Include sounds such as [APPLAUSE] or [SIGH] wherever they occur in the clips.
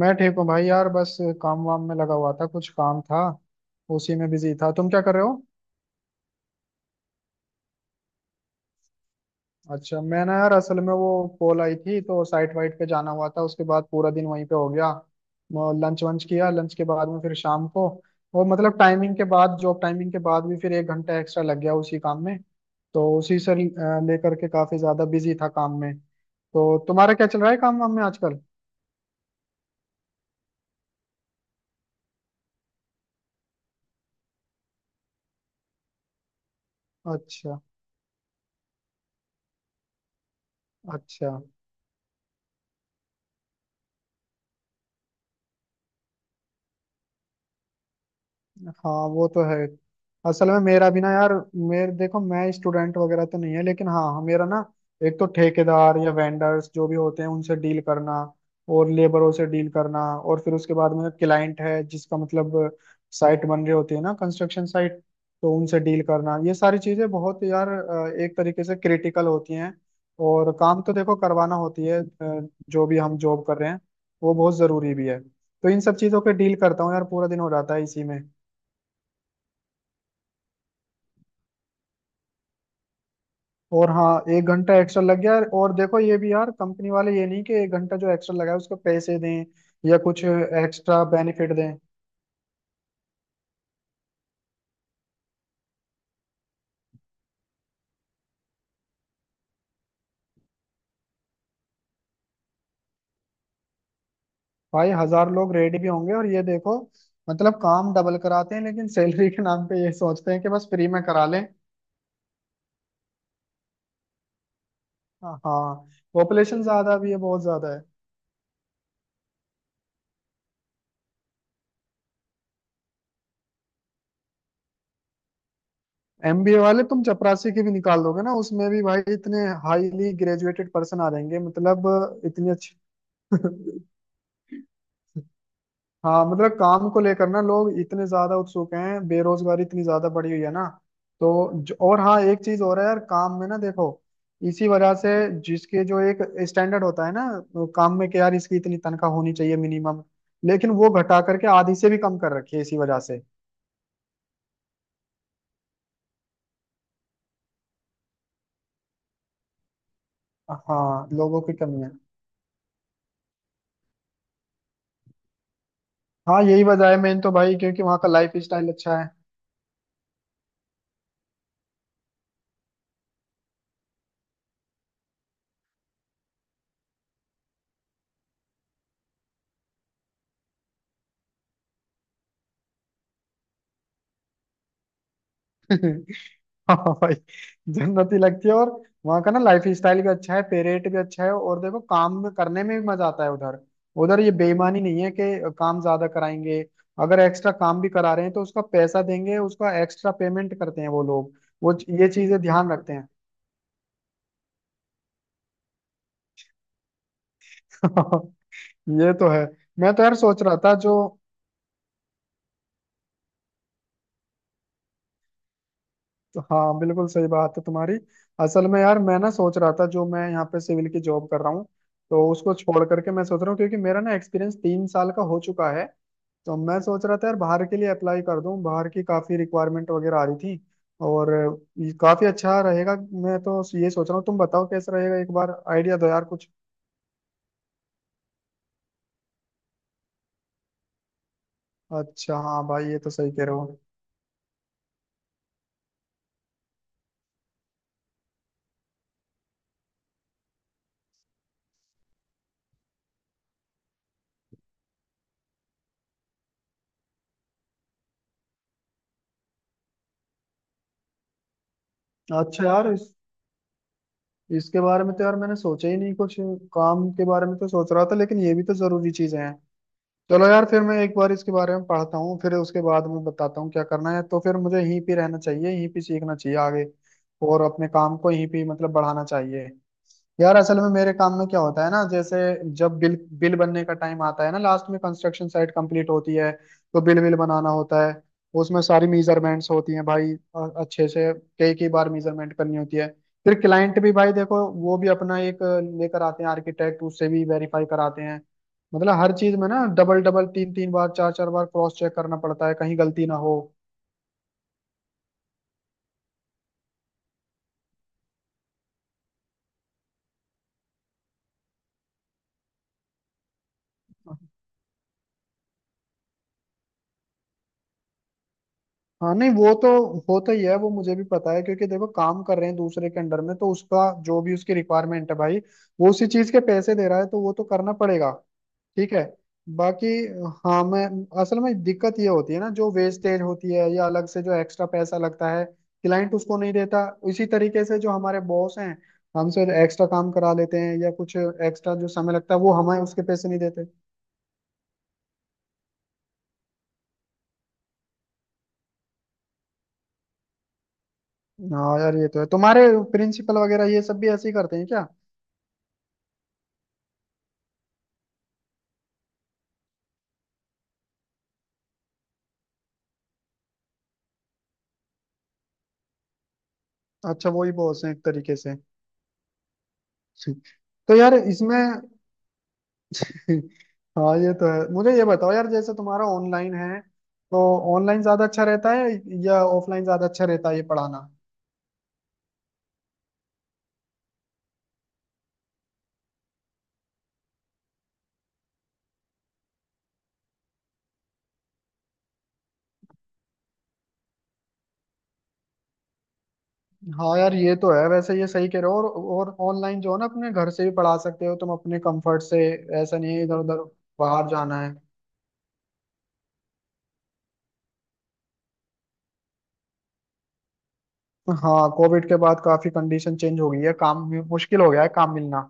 मैं ठीक हूँ भाई यार। बस काम वाम में लगा हुआ था, कुछ काम था। उसी में बिजी था। तुम क्या कर रहे हो? अच्छा, मैं ना यार असल में वो कॉल आई थी तो साइट वाइट पे जाना हुआ था, उसके बाद पूरा दिन वहीं पे हो गया। लंच वंच किया। लंच के बाद में फिर शाम को और मतलब टाइमिंग के बाद, जॉब टाइमिंग के बाद भी फिर 1 घंटा एक्स्ट्रा लग गया उसी काम में। तो उसी से लेकर के काफी ज्यादा बिजी था काम में। तो तुम्हारा क्या चल रहा है काम वाम में आजकल? अच्छा। अच्छा। हाँ वो तो है। असल में मेरा भी ना यार, मेरे देखो मैं स्टूडेंट वगैरह तो नहीं है, लेकिन हाँ हाँ, मेरा ना एक तो ठेकेदार या वेंडर्स जो भी होते हैं उनसे डील करना, और लेबरों से डील करना, और फिर उसके बाद में क्लाइंट है जिसका मतलब साइट बन रही होती है ना, कंस्ट्रक्शन साइट। तो उनसे डील करना, ये सारी चीजें बहुत यार एक तरीके से क्रिटिकल होती हैं। और काम तो देखो करवाना होती है, जो भी हम जॉब कर रहे हैं वो बहुत जरूरी भी है, तो इन सब चीजों पे डील करता हूँ यार, पूरा दिन हो जाता है इसी में। और हाँ, 1 घंटा एक्स्ट्रा लग गया। और देखो ये भी यार कंपनी वाले, ये नहीं कि 1 घंटा जो एक्स्ट्रा लगा है उसको पैसे दें या कुछ एक्स्ट्रा बेनिफिट दें। भाई हजार लोग रेडी भी होंगे, और ये देखो मतलब काम डबल कराते हैं लेकिन सैलरी के नाम पे ये सोचते हैं कि बस फ्री में करा लें। हाँ। पॉपुलेशन ज्यादा भी है, बहुत ज्यादा है। एमबीए वाले तुम चपरासी की भी निकाल दोगे ना, उसमें भी भाई इतने हाईली ग्रेजुएटेड पर्सन आ जाएंगे, मतलब इतनी अच्छी [LAUGHS] हाँ, मतलब काम को लेकर ना लोग इतने ज्यादा उत्सुक हैं, बेरोजगारी इतनी ज्यादा बढ़ी हुई है ना। तो जो, और हाँ एक चीज और है यार, काम में ना देखो इसी वजह से जिसके जो एक स्टैंडर्ड होता है ना, तो काम में कि यार इसकी इतनी तनख्वाह होनी चाहिए मिनिमम, लेकिन वो घटा करके आधी से भी कम कर रखी है इसी वजह से। हाँ लोगों की कमी है। हाँ यही वजह है मेन तो भाई, क्योंकि वहाँ का लाइफ स्टाइल अच्छा है। [LAUGHS] हाँ भाई, जन्नत ही लगती है, और वहाँ का ना लाइफ स्टाइल भी अच्छा है, पे रेट भी अच्छा है, और देखो काम में करने में भी मजा आता है उधर। उधर ये बेईमानी नहीं है कि काम ज्यादा कराएंगे, अगर एक्स्ट्रा काम भी करा रहे हैं तो उसका पैसा देंगे, उसका एक्स्ट्रा पेमेंट करते हैं वो लोग। वो ये चीजें ध्यान रखते हैं। [LAUGHS] ये तो है। मैं तो यार सोच रहा था, जो तो हाँ बिल्कुल सही बात है तुम्हारी। असल में यार मैं ना सोच रहा था, जो मैं यहाँ पे सिविल की जॉब कर रहा हूँ तो उसको छोड़ करके मैं सोच रहा हूँ, क्योंकि मेरा ना एक्सपीरियंस 3 साल का हो चुका है। तो मैं सोच रहा था यार बाहर के लिए अप्लाई कर दूं, बाहर की काफी रिक्वायरमेंट वगैरह आ रही थी, और ये काफी अच्छा रहेगा। मैं तो ये सोच रहा हूँ, तुम बताओ कैसा रहेगा, एक बार आइडिया दो यार कुछ। अच्छा। हाँ भाई ये तो सही कह रहे हो। अच्छा यार इसके बारे में तो यार मैंने सोचा ही नहीं कुछ। काम के बारे में तो सोच रहा था, लेकिन ये भी तो जरूरी चीजें हैं। चलो यार, फिर मैं एक बार इसके बारे में पढ़ता हूँ, फिर उसके बाद मैं बताता हूँ क्या करना है। तो फिर मुझे यहीं पे रहना चाहिए, यहीं पे सीखना चाहिए आगे, और अपने काम को यहीं पे मतलब बढ़ाना चाहिए। यार असल में मेरे काम में क्या होता है ना, जैसे जब बिल बिल बनने का टाइम आता है ना, लास्ट में कंस्ट्रक्शन साइट कंप्लीट होती है तो बिल बिल बनाना होता है। उसमें सारी मेजरमेंट्स होती हैं भाई, और अच्छे से कई कई बार मेजरमेंट करनी होती है। फिर क्लाइंट भी भाई देखो वो भी अपना एक लेकर आते हैं आर्किटेक्ट, उससे भी वेरीफाई कराते हैं। मतलब हर चीज में ना डबल डबल, तीन तीन बार, चार चार बार क्रॉस चेक करना पड़ता है कहीं गलती ना हो। हाँ नहीं, वो तो होता ही है, वो मुझे भी पता है, क्योंकि देखो काम कर रहे हैं दूसरे के अंडर में, तो उसका जो भी उसकी रिक्वायरमेंट है भाई वो उसी चीज के पैसे दे रहा है, तो वो तो करना पड़ेगा। ठीक है। बाकी हाँ, मैं असल में दिक्कत ये होती है ना, जो वेस्टेज होती है या अलग से जो एक्स्ट्रा पैसा लगता है क्लाइंट उसको नहीं देता, इसी तरीके से जो हमारे बॉस हैं हमसे एक्स्ट्रा काम करा लेते हैं या कुछ एक्स्ट्रा जो समय लगता है वो हमें उसके पैसे नहीं देते। हाँ यार ये तो है। तुम्हारे प्रिंसिपल वगैरह ये सब भी ऐसे ही करते हैं क्या? अच्छा, वही बॉस है एक तरीके से। तो यार इसमें [LAUGHS] हाँ ये तो है। मुझे ये बताओ यार, जैसे तुम्हारा ऑनलाइन है, तो ऑनलाइन ज्यादा अच्छा रहता है या ऑफलाइन ज्यादा अच्छा रहता है ये पढ़ाना? हाँ यार ये तो है, वैसे ये सही कह रहे हो। और ऑनलाइन जो है ना अपने घर से भी पढ़ा सकते हो तुम अपने कंफर्ट से। ऐसा नहीं है इधर उधर बाहर जाना है। हाँ, कोविड के बाद काफी कंडीशन चेंज हो गई है, काम भी मुश्किल हो गया है, काम मिलना।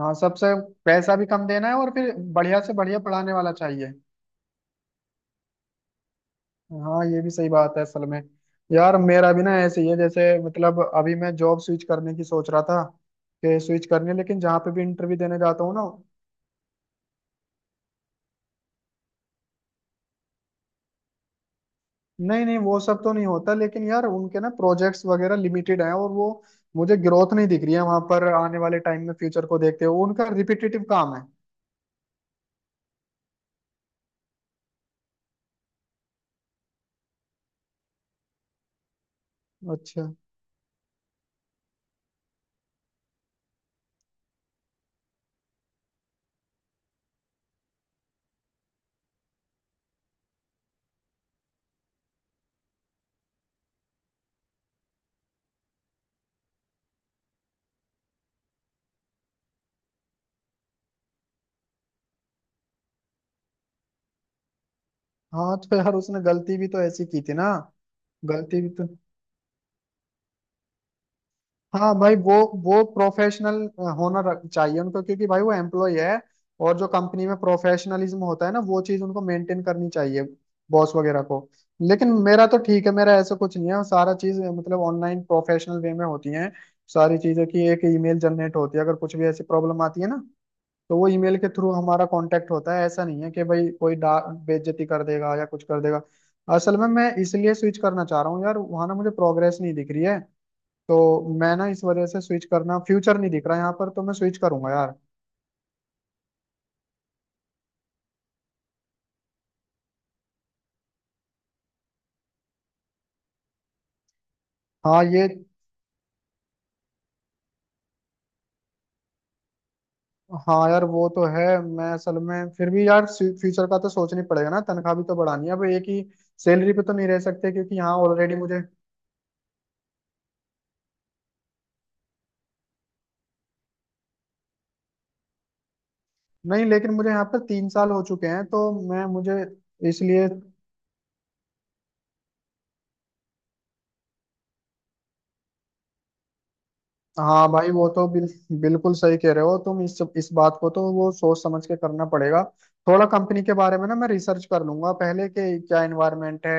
हाँ, सबसे पैसा भी कम देना है और फिर बढ़िया से बढ़िया पढ़ाने वाला चाहिए। हाँ, ये भी सही बात है। असल में यार मेरा भी ना ऐसे ही है, जैसे मतलब अभी मैं जॉब स्विच करने की सोच रहा था, कि स्विच करने, लेकिन जहाँ पे भी इंटरव्यू देने जाता हूँ ना। नहीं नहीं, वो सब तो नहीं होता, लेकिन यार उनके ना प्रोजेक्ट्स वगैरह लिमिटेड हैं और वो मुझे ग्रोथ नहीं दिख रही है वहां पर आने वाले टाइम में, फ्यूचर को देखते हुए उनका रिपीटेटिव काम है। अच्छा। हाँ तो यार उसने गलती भी तो ऐसी की थी ना, गलती भी तो। हाँ भाई, वो प्रोफेशनल होना चाहिए उनको, क्योंकि भाई वो एम्प्लॉय है, और जो कंपनी में प्रोफेशनलिज्म होता है ना वो चीज उनको मेंटेन करनी चाहिए, बॉस वगैरह को। लेकिन मेरा तो ठीक है, मेरा ऐसा कुछ नहीं है, सारा चीज मतलब ऑनलाइन प्रोफेशनल वे में होती है सारी चीजें, कि एक ईमेल जनरेट होती है अगर कुछ भी ऐसी प्रॉब्लम आती है ना। तो वो ईमेल के थ्रू हमारा कांटेक्ट होता है, ऐसा नहीं है कि भाई कोई डा बेइज्जती कर देगा या कुछ कर देगा। असल में मैं इसलिए स्विच करना चाह रहा हूँ यार, वहां ना मुझे प्रोग्रेस नहीं दिख रही है, तो मैं ना इस वजह से स्विच करना, फ्यूचर नहीं दिख रहा यहाँ पर, तो मैं स्विच करूंगा यार। हाँ ये, हाँ यार वो तो है। मैं असल में फिर भी यार फ्यूचर का तो सोचना ही पड़ेगा ना, तनख्वाह भी तो बढ़ानी है, अब एक ही सैलरी पे तो नहीं रह सकते, क्योंकि यहाँ ऑलरेडी मुझे नहीं। लेकिन मुझे यहाँ पर 3 साल हो चुके हैं, तो मैं मुझे इसलिए। हाँ भाई वो तो बिल्कुल सही कह रहे हो तुम, इस बात को तो वो सोच समझ के करना पड़ेगा। थोड़ा कंपनी के बारे में ना मैं रिसर्च कर लूंगा पहले, के क्या एनवायरनमेंट है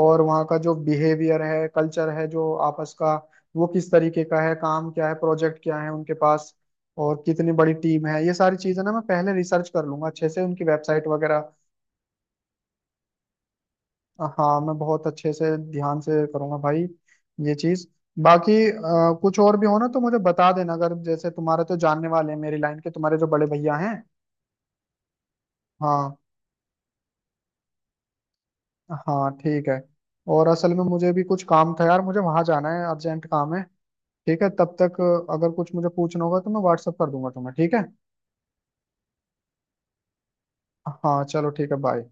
और वहाँ का जो बिहेवियर है, कल्चर है, जो आपस का वो किस तरीके का है, काम क्या है, प्रोजेक्ट क्या है उनके पास, और कितनी बड़ी टीम है, ये सारी चीजें ना मैं पहले रिसर्च कर लूंगा अच्छे से, उनकी वेबसाइट वगैरह। हाँ, मैं बहुत अच्छे से ध्यान से करूंगा भाई। ये चीज बाकी कुछ और भी हो ना तो मुझे बता देना, अगर जैसे तुम्हारे तो जानने वाले हैं मेरी लाइन के, तुम्हारे जो बड़े भैया हैं। हाँ। हाँ ठीक है। और असल में मुझे भी कुछ काम था यार, मुझे वहां जाना है, अर्जेंट काम है। ठीक है तब तक अगर कुछ मुझे पूछना होगा तो मैं व्हाट्सअप कर दूंगा तुम्हें, ठीक है। हाँ चलो ठीक है, बाय।